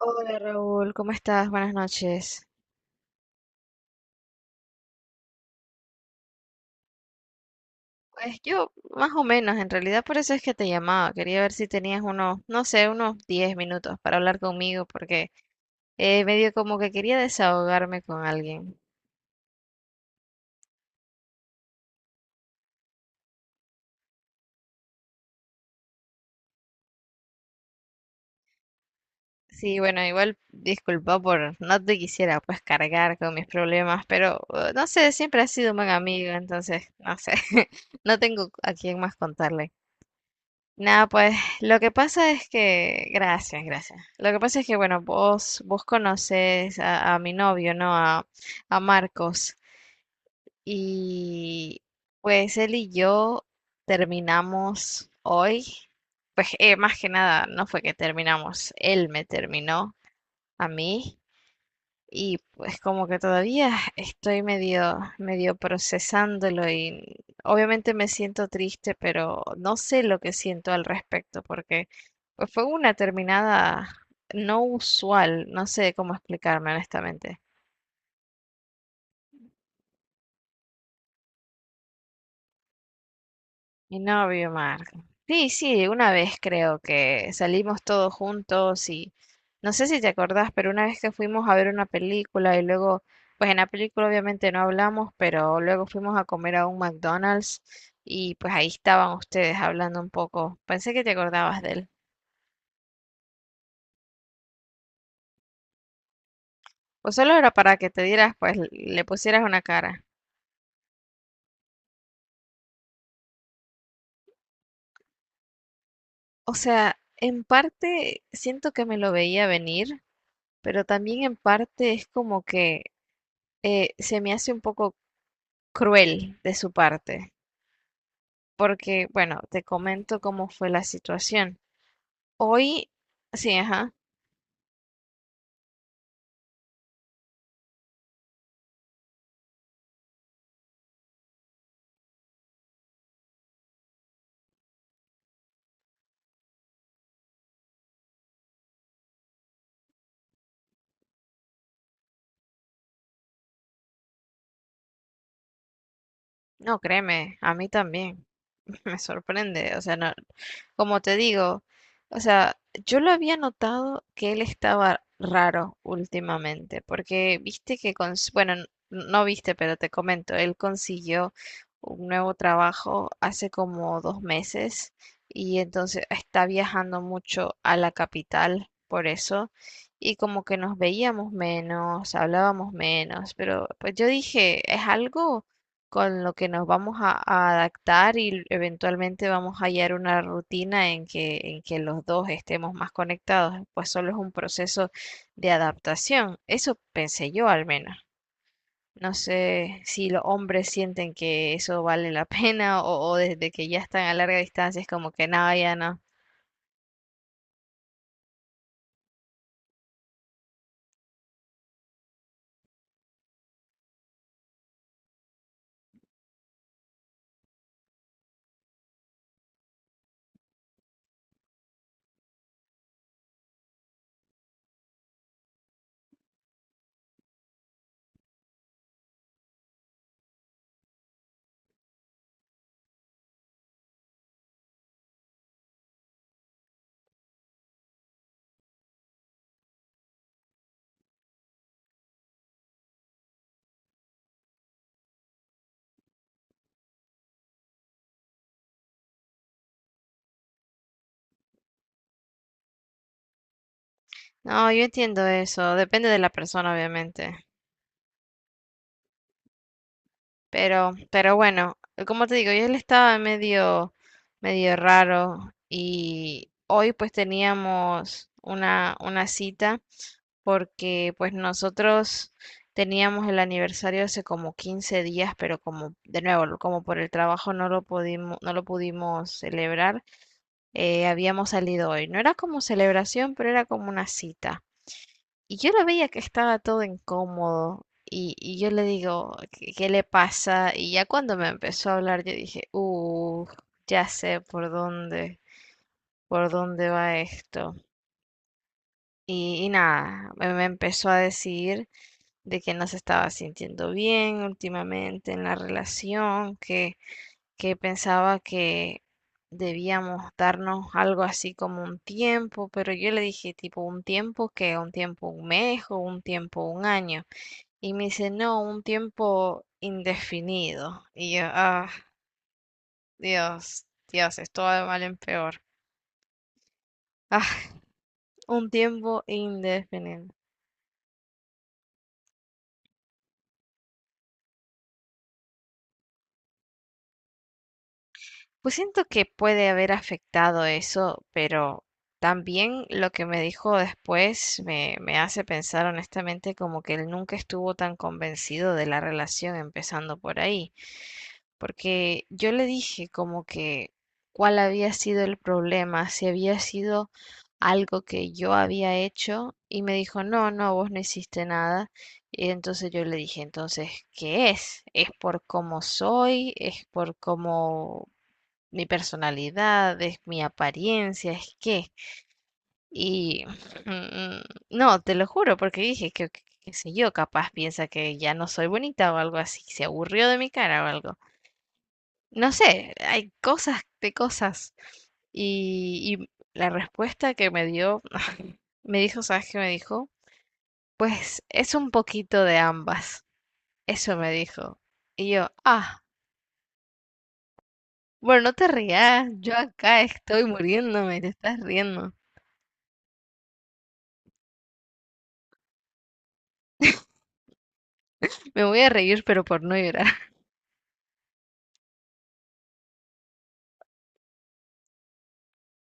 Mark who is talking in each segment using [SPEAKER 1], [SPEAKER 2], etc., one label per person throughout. [SPEAKER 1] Hola Raúl, ¿cómo estás? Buenas noches. Pues yo, más o menos, en realidad por eso es que te llamaba. Quería ver si tenías unos, no sé, unos 10 minutos para hablar conmigo, porque medio como que quería desahogarme con alguien. Sí, bueno, igual disculpa por no te quisiera pues cargar con mis problemas, pero no sé, siempre has sido un buen amigo, entonces, no sé, no tengo a quién más contarle. Nada, pues lo que pasa es que, gracias, gracias. Lo que pasa es que, bueno, vos conoces a mi novio, ¿no? A Marcos. Y pues él y yo terminamos hoy. Pues más que nada, no fue que terminamos, él me terminó a mí. Y pues como que todavía estoy medio procesándolo y obviamente me siento triste, pero no sé lo que siento al respecto porque pues, fue una terminada no usual, no sé cómo explicarme honestamente. Mi novio, Mark. Sí, sí, una vez creo que salimos todos juntos y no sé si te acordás, pero una vez que fuimos a ver una película y luego, pues en la película obviamente no hablamos, pero luego fuimos a comer a un McDonald's y pues ahí estaban ustedes hablando un poco. Pensé que te acordabas de él. O solo era para que te dieras, pues le pusieras una cara. O sea, en parte siento que me lo veía venir, pero también en parte es como que se me hace un poco cruel de su parte, porque, bueno, te comento cómo fue la situación. Hoy, sí, ajá, no, créeme, a mí también, me sorprende, o sea, no, como te digo, o sea, yo lo había notado que él estaba raro últimamente, porque viste que, bueno, no viste, pero te comento, él consiguió un nuevo trabajo hace como 2 meses y entonces está viajando mucho a la capital por eso y como que nos veíamos menos, hablábamos menos, pero pues yo dije, es algo con lo que nos vamos a adaptar y eventualmente vamos a hallar una rutina en que los dos estemos más conectados, pues solo es un proceso de adaptación. Eso pensé yo al menos. No sé si los hombres sienten que eso vale la pena o desde que ya están a larga distancia es como que nada, ya no. No, yo entiendo eso, depende de la persona, obviamente. Pero bueno, como te digo, yo él estaba medio raro y hoy pues teníamos una cita porque pues nosotros teníamos el aniversario hace como 15 días, pero como de nuevo, como por el trabajo no lo pudimos, no lo pudimos celebrar, habíamos salido hoy. No era como celebración, pero era como una cita. Y yo lo veía que estaba todo incómodo y yo le digo, ¿qué le pasa? Y ya cuando me empezó a hablar, yo dije, ya sé por dónde va esto. Y nada, me empezó a decir de que no se estaba sintiendo bien últimamente en la relación, que pensaba que debíamos darnos algo así como un tiempo, pero yo le dije tipo un tiempo que un tiempo un mes o un tiempo un año. Y me dice, no, un tiempo indefinido. Y yo, ah, Dios, Dios, esto va de mal en peor. Ah, un tiempo indefinido. Pues siento que puede haber afectado eso, pero también lo que me dijo después me hace pensar honestamente como que él nunca estuvo tan convencido de la relación empezando por ahí. Porque yo le dije como que cuál había sido el problema, si había sido algo que yo había hecho y me dijo, no, no, vos no hiciste nada. Y entonces yo le dije, entonces, ¿qué es? ¿Es por cómo soy? ¿Es por cómo mi personalidad? ¿Es mi apariencia? ¿Es qué? Y mm, no, te lo juro, porque dije que, qué sé yo, capaz piensa que ya no soy bonita o algo así, se aburrió de mi cara o algo. No sé, hay cosas de cosas. Y la respuesta que me dio, me dijo, ¿sabes qué me dijo? Pues es un poquito de ambas. Eso me dijo. Y yo, ah, bueno, no te rías, yo acá estoy muriéndome, te estás riendo. Me voy a reír, pero por no llorar.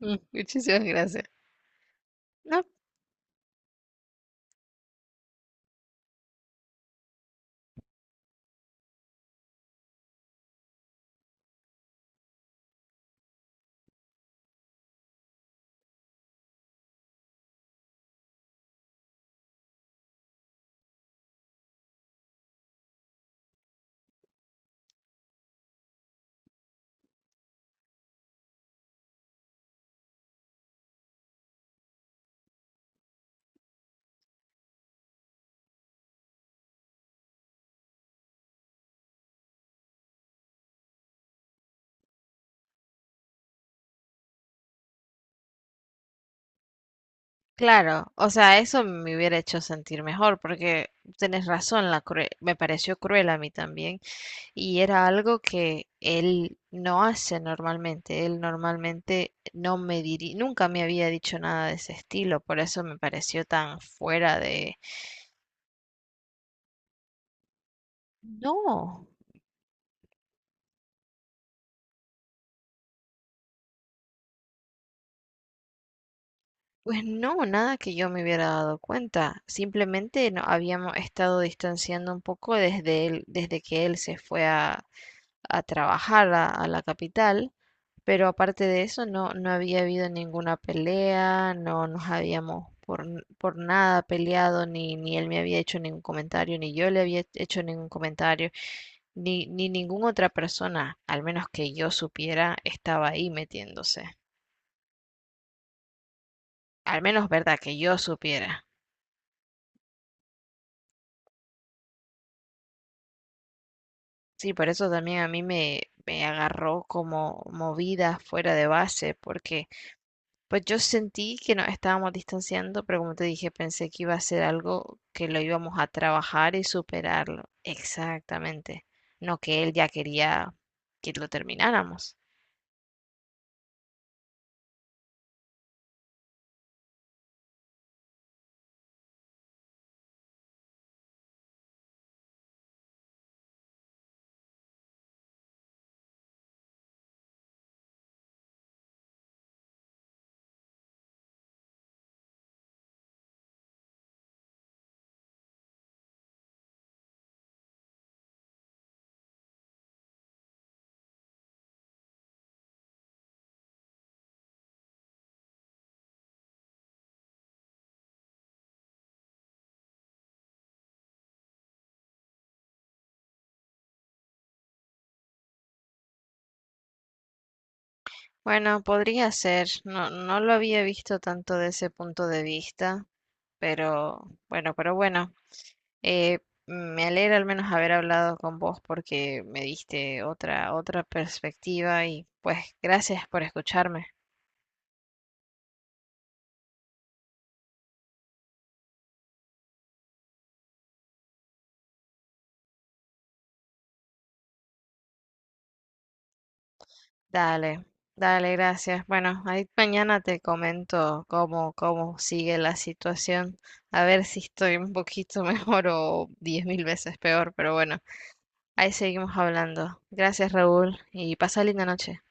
[SPEAKER 1] Muchísimas gracias. No, claro, o sea, eso me hubiera hecho sentir mejor, porque tenés razón, la me pareció cruel a mí también. Y era algo que él no hace normalmente. Él normalmente no me nunca me había dicho nada de ese estilo, por eso me pareció tan fuera de... No, pues no, nada que yo me hubiera dado cuenta. Simplemente no habíamos estado distanciando un poco desde él, desde que él se fue a trabajar a la capital, pero aparte de eso no, no había habido ninguna pelea, no nos habíamos por, por nada peleado, ni, ni él me había hecho ningún comentario, ni yo le había hecho ningún comentario, ni, ni ninguna otra persona, al menos que yo supiera, estaba ahí metiéndose. Al menos, verdad, que yo supiera. Sí, por eso también a mí me agarró como movida fuera de base, porque pues yo sentí que nos estábamos distanciando, pero como te dije, pensé que iba a ser algo que lo íbamos a trabajar y superarlo. Exactamente. No que él ya quería que lo termináramos. Bueno, podría ser. No, no lo había visto tanto de ese punto de vista, pero bueno, pero bueno. Eh, me alegra al menos haber hablado con vos porque me diste otra, otra perspectiva y pues gracias por escucharme. Dale, dale, gracias. Bueno, ahí mañana te comento cómo, cómo sigue la situación. A ver si estoy un poquito mejor o 10 mil veces peor, pero bueno, ahí seguimos hablando. Gracias, Raúl, y pasa linda noche.